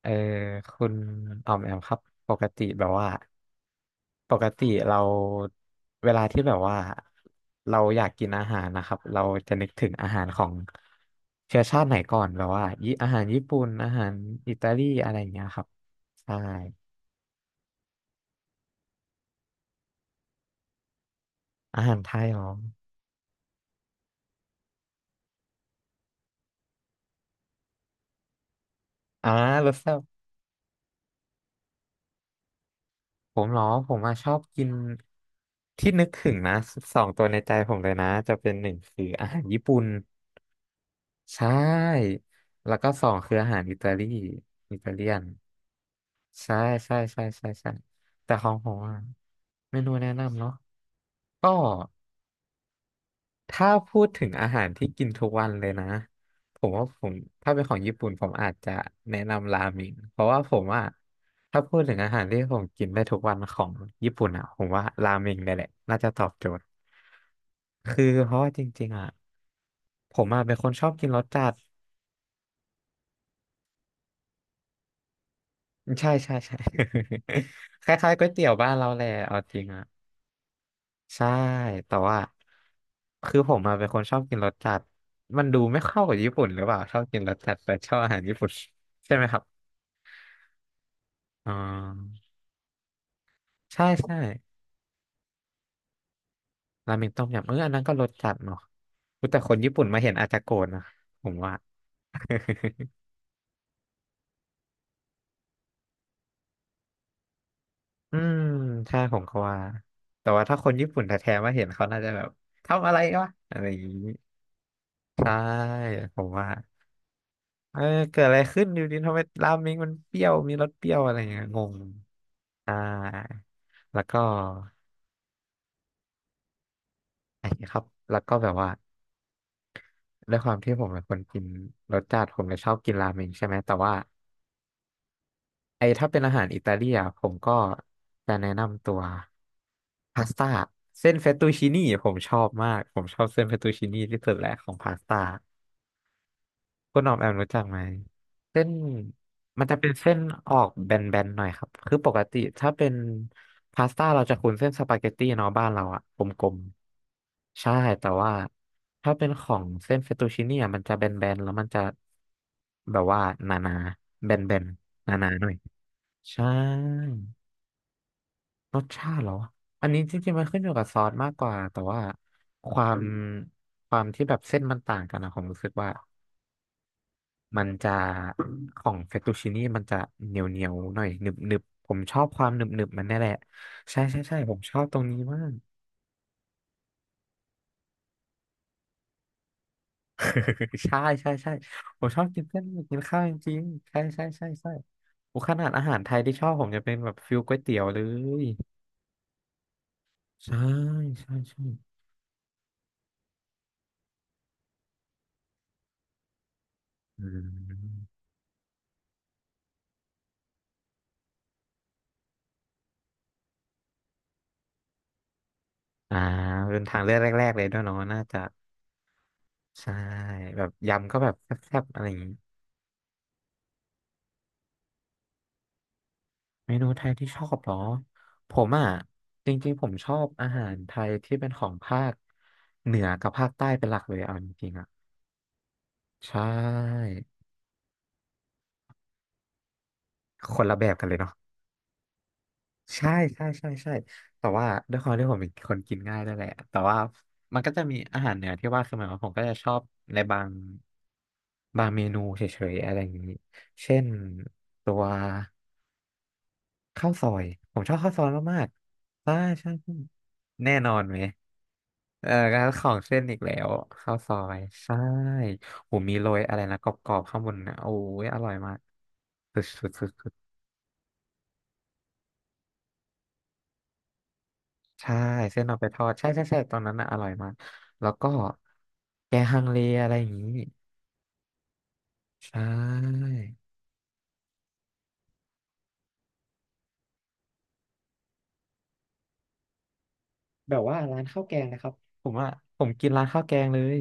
เออคุณออมแอมครับปกติแบบว่าปกติเราเวลาที่แบบว่าเราอยากกินอาหารนะครับเราจะนึกถึงอาหารของเชื้อชาติไหนก่อนแบบว่าอาหารญี่ปุ่นอาหารอิตาลีอะไรอย่างเงี้ยครับใช่อาหารไทยเหรออ่ารสแซ่บผมเหรอผมอะชอบกินที่นึกถึงนะสองตัวในใจผมเลยนะจะเป็นหนึ่งคืออาหารญี่ปุ่น ใช่แล้วก็สองคืออาหารอิตาลีอิตาเลียนใช่ใช่ใช่ใช่ใช่แต่ของผมอะเมนูแนะนำเนาะก็ถ้าพูดถึงอาหารที่กินทุกวันเลยนะผมว่าถ้าเป็นของญี่ปุ่นผมอาจจะแนะนำราเมงเพราะว่าผมอะถ้าพูดถึงอาหารที่ผมกินได้ทุกวันของญี่ปุ่นอะผมว่าราเมงเนี่ยแหละน่าจะตอบโจทย์คือเพราะว่าจริงๆอะผมอะเป็นคนชอบกินรสจัด ใช่ใช่ใช่ คล้ายๆก๋วยเตี๋ยวบ้านเราแหละเอาจริงอ่ะใช่แต่ว่าคือผมมาเป็นคนชอบกินรสจัดมันดูไม่เข้ากับญี่ปุ่นหรือเปล่าชอบกินรสจัดแต่ชอบอาหารญี่ปุ่นใช่ไหมครับอ๋อใช่ใช่ราเมงต้มยำเอออันนั้นก็รสจัดเนาะอุ๊ยแต่คนญี่ปุ่นมาเห็นอาจจะโกรธนะผมว่า อืมใช่ผมก็ว่าแต่ว่าถ้าคนญี่ปุ่นแท้ๆมาเห็นเขาน่าจะแบบทำอะไรวะอะไรอย่างนี้ใช่ผมว่า เออเกิดอะไรขึ้นอยู่ดีทำไมราเมงมันเปรี้ยวมีรสเปรี้ยวอะไรอย่างเงี้ยงงอ่าแล้วก็ไอ้ครับแล้วก็แบบว่าด้วยความที่ผมเป็นคนกินรสจัดผมเลยชอบกินราเมงใช่ไหมแต่ว่าไอ้ถ้าเป็นอาหารอิตาเลียนผมก็จะแนะนำตัวพาสต้าเส้นเฟตตูชินี่ผมชอบมากผมชอบเส้นเฟตตูชินี่ที่สุดแหละของพาสต้า คุณออมแอมรู้จักไหมเส้นมันจะเป็นเส้นออกแบนๆหน่อยครับคือปกติถ้าเป็นพาสต้าเราจะคุ้นเส้นสปาเกตตี้เนาะบ้านเราอะกลมๆใช่แต่ว่าถ้าเป็นของเส้นเฟตตูชินี่อะมันจะแบนๆแล้วมันจะแบบว่าหนาๆแบนๆหนาๆหน่อยใช่รสชาติเหรออันนี้จริงๆมันขึ้นอยู่กับซอสมากกว่าแต่ว่าความความที่แบบเส้นมันต่างกันนะผมรู้สึกว่า มันจะของเฟตตูชินี่มันจะเหนียวเหนียวหน่อยหนึบหนึบผมชอบความหนึบหนึบมันนี่แหละใช่ใช่ใช่ผมชอบตรงนี้มาก ใช่ใช่ใช่ผมชอบกินเส้นกินข้าวจริงๆใช่ใช่ใช่ใช่โอ้ขนาดอาหารไทยที่ชอบผมจะเป็นแบบฟิลก๋วยเตี๋ยวเลยใช่ใช่ใช่อืมอ่าเป็นทางเลือกแรกๆเลยด้วยเนาะน่าจะใช่แบบยำก็แบบแซ่บๆอะไรอย่างนี้ เมนูไทยที่ชอบเหรอผมอ่ะจริงๆผมชอบอาหารไทยที่เป็นของภาคเหนือกับภาคใต้เป็นหลักเลยเอาจริงๆอ่ะใช่คนละแบบกันเลยเนาะใช่ใช่ใช่ใช่แต่ว่าด้วยความที่ผมเป็นคนกินง่ายด้วยแหละแต่ว่ามันก็จะมีอาหารเหนือที่ว่าคือหมายความว่าผมก็จะชอบในบางบางเมนูเฉยๆอะไรอย่างนี้เช่นตัว ข้าวซอยผมชอบข้าวซอยมากๆใช่ใช่ใช่แน่นอนไหมเออการของเส้นอีกแล้วข้าวซอยใช่ผมมีโรยอะไรนะกรอบๆข้างบนนะโอ้ยอร่อยมากสุดสุดสุดสุดใช่เส้นเอาไปทอดใช่ใช่ใช่ตอนนั้นนะอร่อยมากแล้วก็แกงฮังเลอะไรอย่างนี้ใช่แบบว่าร้านข้าวแกงนะครับผมว่าผมกินร้านข้าวแกงเลย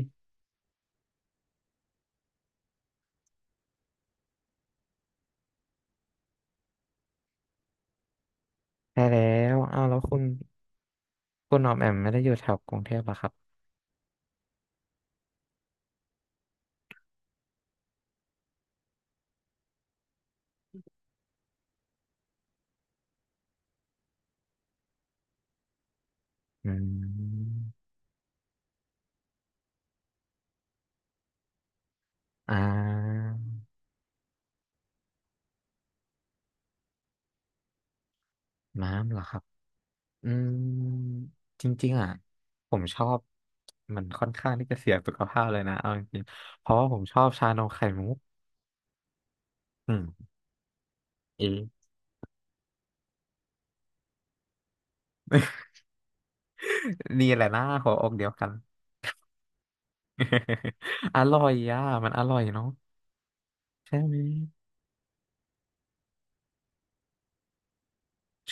ใช่แล้วอ้าวแล้วคุณคุณหนอมแอมไม่ได้อยู่แถวกรุงเทพเหรอครับ อืมอ่าน้ำเหรอครับ อืม จริงๆอ่ะผมชอบ มันค่อนข้างที่จะเสียสุขภาพเลยนะเอาจริงๆเพราะว่าผมชอบชานมไข่มุกอืมเอะนี่แหละนะหัวอกเดียวกัน อร่อยอ่ะมันอร่อยเนาะใช่ไหม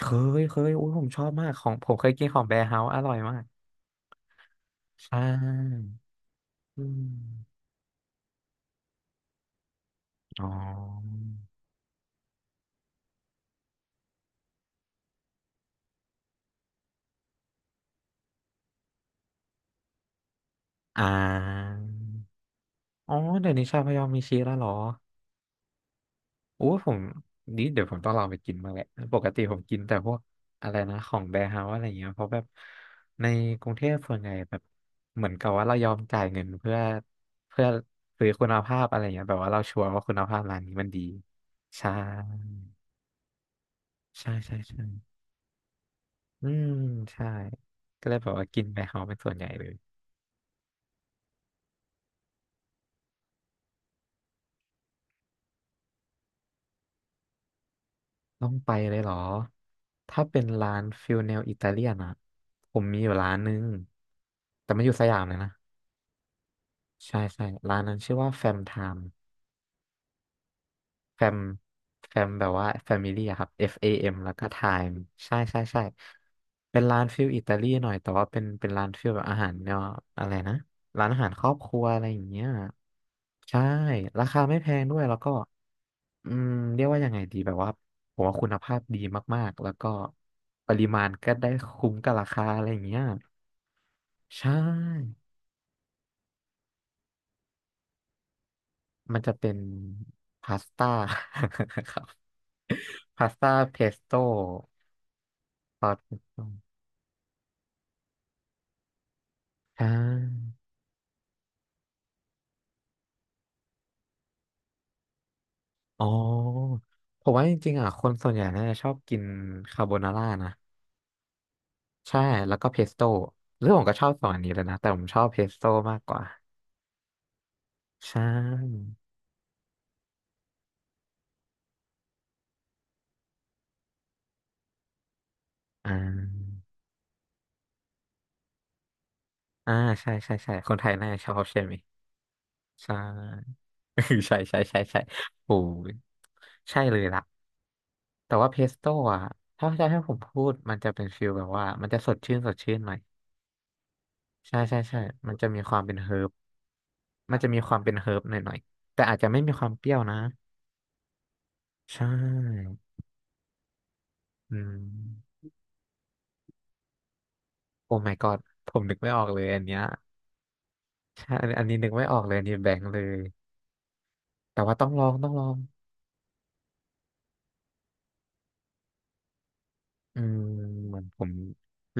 เคเคยอุ้ยผมชอบมากของผมเคยกินของแบร์เฮาส์อร่อยมากใช่อืมอ๋ออ่าอ๋อเดี๋ยวนี้ชาพยอมมีชีสแล้วเหรอ โอ้ผมนี่เดี๋ยวผมต้องลองไปกินบ้างแหละปกติผมกินแต่พวกอะไรนะของแบร์เฮาส์อะไรเงี้ยเพราะแบบในกรุงเทพส่วนใหญ่แบบเหมือนกับว่าเรายอมจ่ายเงินเพื่อซื้อคุณภาพอะไรเงี้ยแบบว่าเราชัวร์ว่าคุณภาพร้านนี้มันดีใช่ใช่ใช่ใช่อืมใช่ก็เลยแบบว่ากินแบร์เฮาส์เป็นส่วนใหญ่เลยต้องไปเลยเหรอถ้าเป็นร้านฟิลแนวอิตาเลียนอะผมมีอยู่ร้านนึงแต่มันอยู่สยามเลยนะ ใช่ใช่ร้านนั้นชื่อว่าแฟมไทม์แฟมแฟมแบบว่าแฟมิลี่ครับ F A M แล้วก็ไทม์ใช่ใช่ใช่เป็นร้านฟิลอิตาลีหน่อยแต่ว่าเป็นร้านฟิลแบบอาหารเนวอะไรนะร้านอาหารครอบครัวอะไรอย่างเงี้ยใช่ราคาไม่แพงด้วยแล้วก็อืมเรียกว่ายังไงดีแบบว่าผมว่าคุณภาพดีมากๆแล้วก็ปริมาณก็ได้คุ้มกับราคาอะไรอย่างเงี้ยใช่มันจะเป็นพาสต้า ครับ พาสต้าเพสโต้ซอสเพสโต้อ่าอ๋อผมว่าจริงๆอ่ะคนส่วนใหญ่น่าจะชอบกินคาโบนาร่านะ ใช่ แล้วก็เพสโต้หรือผมก็ชอบสองอันนี้เลยนะ แต่ผมชอบเพสโต้มากกว่าใช่อ่าอ่าใช่ใช่ใช่คนไทยน่าจะชอบใช่ไหมใช่ ใช่ใช่ใช่ใช่โอ้ยใช่เลยล่ะแต่ว่าเพสโต้อ่ะถ้าจะให้ผมพูดมันจะเป็นฟิลแบบว่ามันจะสดชื่นสดชื่นหน่อยใช่ใช่ใช่มันจะมีความเป็นเฮิร์บ มันจะมีความเป็นเฮิร์บหน่อยๆ แต่อาจจะไม่มีความเปรี้ยวนะใช่อืมโอ้ my god ผมนึกไม่ออกเลยอันเนี้ยใช่อันอันนี้นึกไม่ออกเลยอันนี้แบงค์เลยแต่ว่าต้องลองต้องลองอืมเหมือนผม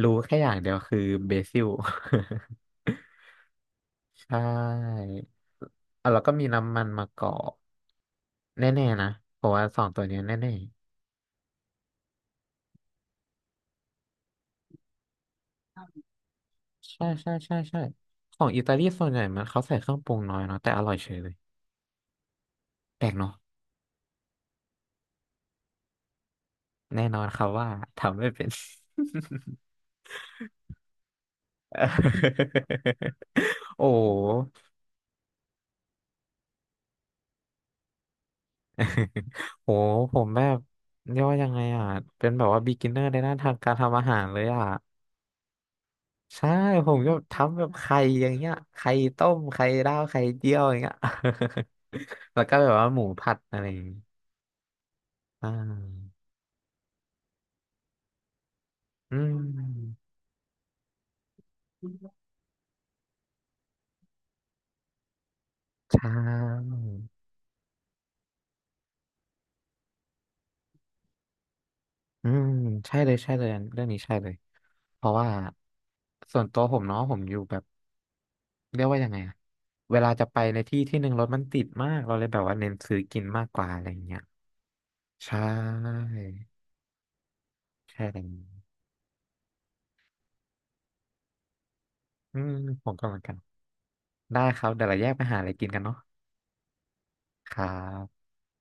รู้แค่อย่างเดียวคือเบซิล ใช่เอ่ะแล้วก็มีน้ำมันมะกอกแน่ๆนะเพราะว่าสองตัวเนี้ยแน่ๆใช่ใช่ใช่ใช่ของอิตาลีส่วนใหญ่มันเขาใส่เครื่องปรุงน้อยเนาะแต่อร่อยเฉยเลยแปลกเนาะแน่นอนครับว่าทำไม่เป็น โอ้โห โหผมแบบเรียกว่ายังไงอ่ะ เป็นแบบว่า beginner ในด้านทางการทำอาหารเลยอ่ะ ใช่ ผมก็ทำแบบไข่อย่างเงี้ยไข่ต้ม ไข่ดาว ไข่เจียวอย่างเงี้ย แล้วก็แบบว่าหมูผัดอะไรอย่างงี้อ่าอืมใช่ อืมใช่เลยใช่เลยอันเรื่องนี้ใช่เลยเพราะว่าส่วนตัวผมเนาะผมอยู่แบบเรียกว่ายังไงอะเวลาจะไปในที่ที่หนึ่งรถมันติดมากเราเลยแบบว่าเน้นซื้อกินมากกว่าอะไรอย่างเงี้ยใช่ใช่เลยอืมผมก็เหมือนกันได้ครับเดี๋ยวเราแยกไปหาอะไรกินกันเนาะครับ